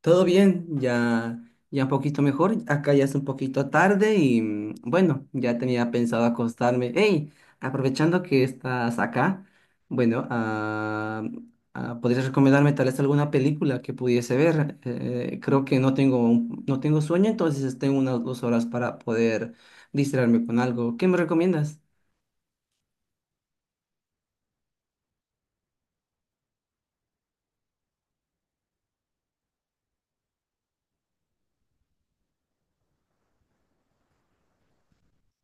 Todo bien, ya, ya un poquito mejor. Acá ya es un poquito tarde y bueno, ya tenía pensado acostarme. Hey, aprovechando que estás acá, bueno, ¿podrías recomendarme tal vez alguna película que pudiese ver? Creo que no tengo, no tengo sueño, entonces tengo unas 2 horas para poder distraerme con algo. ¿Qué me recomiendas?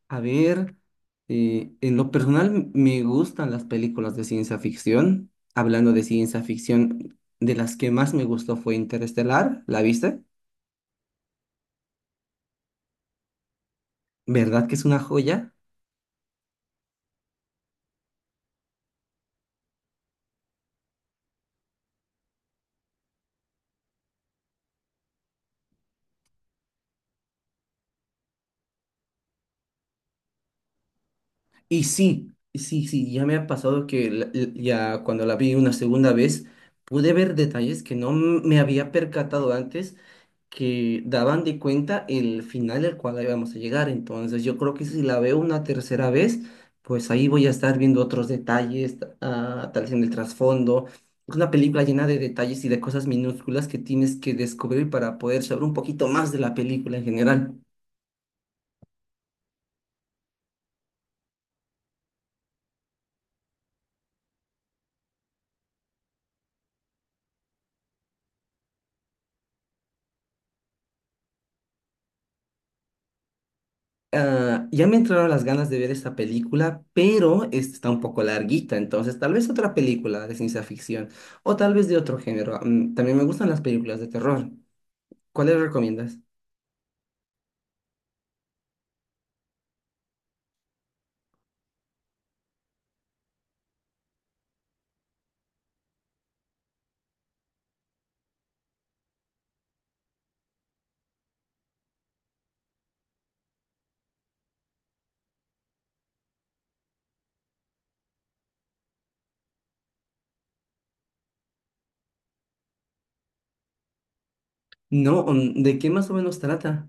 A ver, en lo personal me gustan las películas de ciencia ficción. Hablando de ciencia ficción, de las que más me gustó fue Interestelar, ¿la viste? ¿Verdad que es una joya? Y sí, sí, sí, ya me ha pasado que ya cuando la vi una segunda vez pude ver detalles que no me había percatado antes que daban de cuenta el final al cual íbamos a llegar. Entonces, yo creo que si la veo una tercera vez, pues ahí voy a estar viendo otros detalles, tal vez en el trasfondo. Es una película llena de detalles y de cosas minúsculas que tienes que descubrir para poder saber un poquito más de la película en general. Ah, ya me entraron las ganas de ver esta película, pero esta está un poco larguita, entonces tal vez otra película de ciencia ficción o tal vez de otro género. También me gustan las películas de terror. ¿Cuáles recomiendas? No, ¿de qué más o menos trata?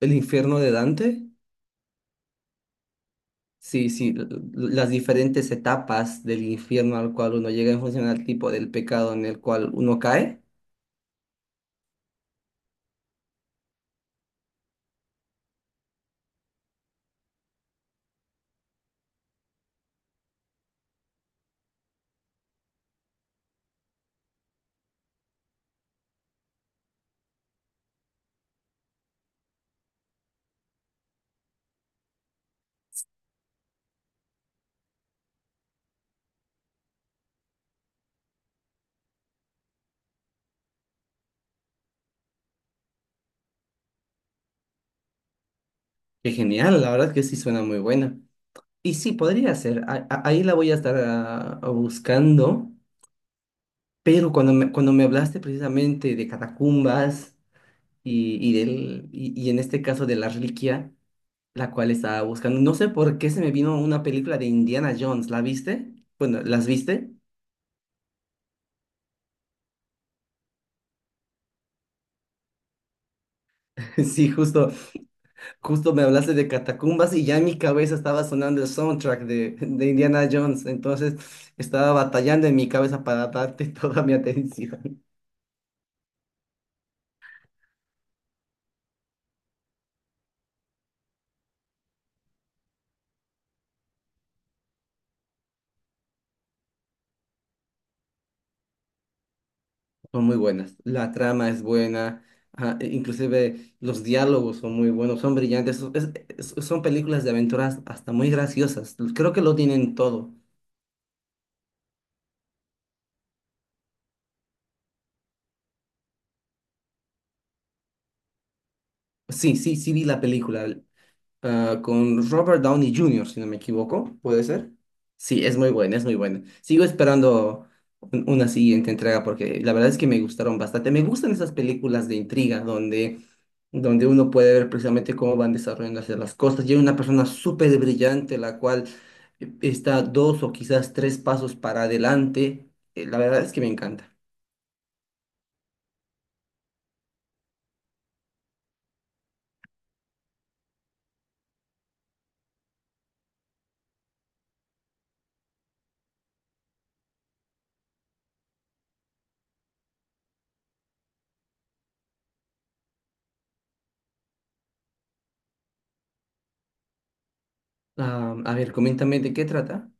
¿El infierno de Dante? Sí, sí, las diferentes etapas del infierno al cual uno llega en función al tipo del pecado en el cual uno cae. Qué genial, la verdad es que sí suena muy buena. Y sí, podría ser, ahí la voy a estar buscando, pero cuando me hablaste precisamente de catacumbas y en este caso de la reliquia, la cual estaba buscando, no sé por qué se me vino una película de Indiana Jones, ¿la viste? Bueno, ¿las viste? Sí, justo, justo me hablaste de catacumbas y ya en mi cabeza estaba sonando el soundtrack de Indiana Jones, entonces estaba batallando en mi cabeza para darte toda mi atención. Son muy buenas, la trama es buena, inclusive los diálogos son muy buenos, son brillantes, son películas de aventuras hasta muy graciosas, creo que lo tienen todo. Sí, sí, sí vi la película, con Robert Downey Jr., si no me equivoco, ¿puede ser? Sí, es muy buena, es muy buena. Sigo esperando una siguiente entrega porque la verdad es que me gustaron bastante. Me gustan esas películas de intriga donde uno puede ver precisamente cómo van desarrollándose las cosas. Y hay una persona súper brillante la cual está dos o quizás tres pasos para adelante. La verdad es que me encanta. Ah, a ver, coméntame de qué trata.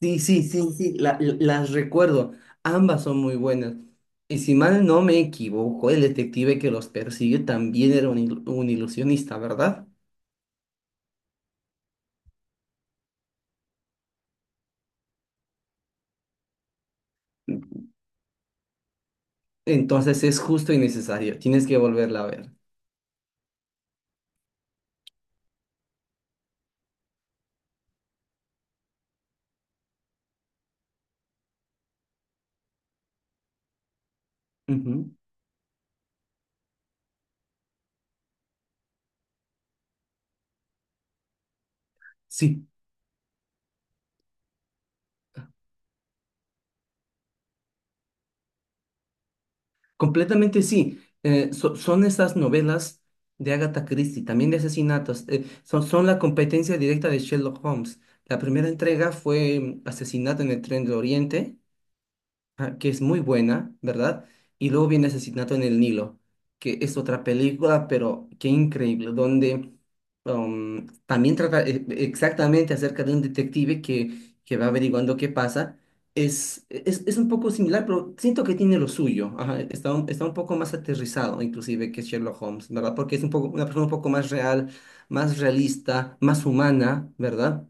Sí, sí, sí, sí, las recuerdo. Ambas son muy buenas. Y si mal no me equivoco, el detective que los persigue también era un ilusionista, ¿verdad? Entonces es justo y necesario. Tienes que volverla a ver. Ujú. Sí, completamente sí. Son esas novelas de Agatha Christie, también de asesinatos. Son la competencia directa de Sherlock Holmes. La primera entrega fue Asesinato en el Tren de Oriente. Que es muy buena, ¿verdad? Y luego viene Asesinato en el Nilo, que es otra película, pero qué increíble, donde también trata exactamente acerca de un detective que va averiguando qué pasa. Es un poco similar, pero siento que tiene lo suyo. Ajá, está un poco más aterrizado, inclusive, que Sherlock Holmes, ¿verdad? Porque es un poco, una persona un poco más real, más realista, más humana, ¿verdad?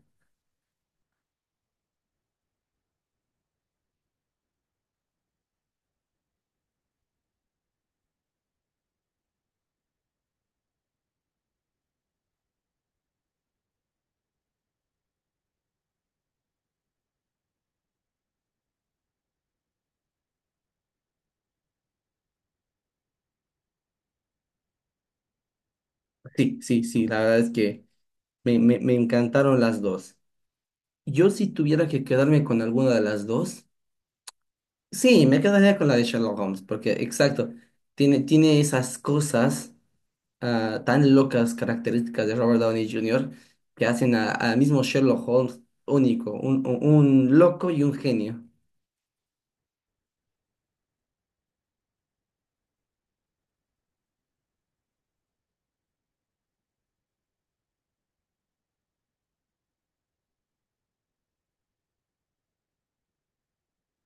Sí, sí, sí, la verdad es que me encantaron las dos. Yo si tuviera que quedarme con alguna de las dos, sí, me quedaría con la de Sherlock Holmes, porque exacto, tiene esas cosas tan locas características de Robert Downey Jr. que hacen al mismo Sherlock Holmes único, un loco y un genio.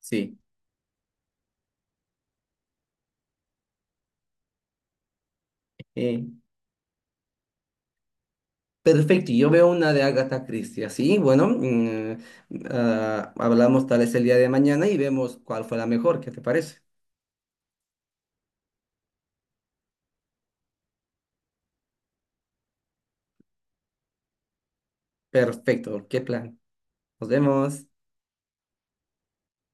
Sí, eh, perfecto. Y yo veo una de Agatha Christie, así, bueno, hablamos tal vez el día de mañana y vemos cuál fue la mejor, ¿qué te parece? Perfecto, qué plan. Nos vemos.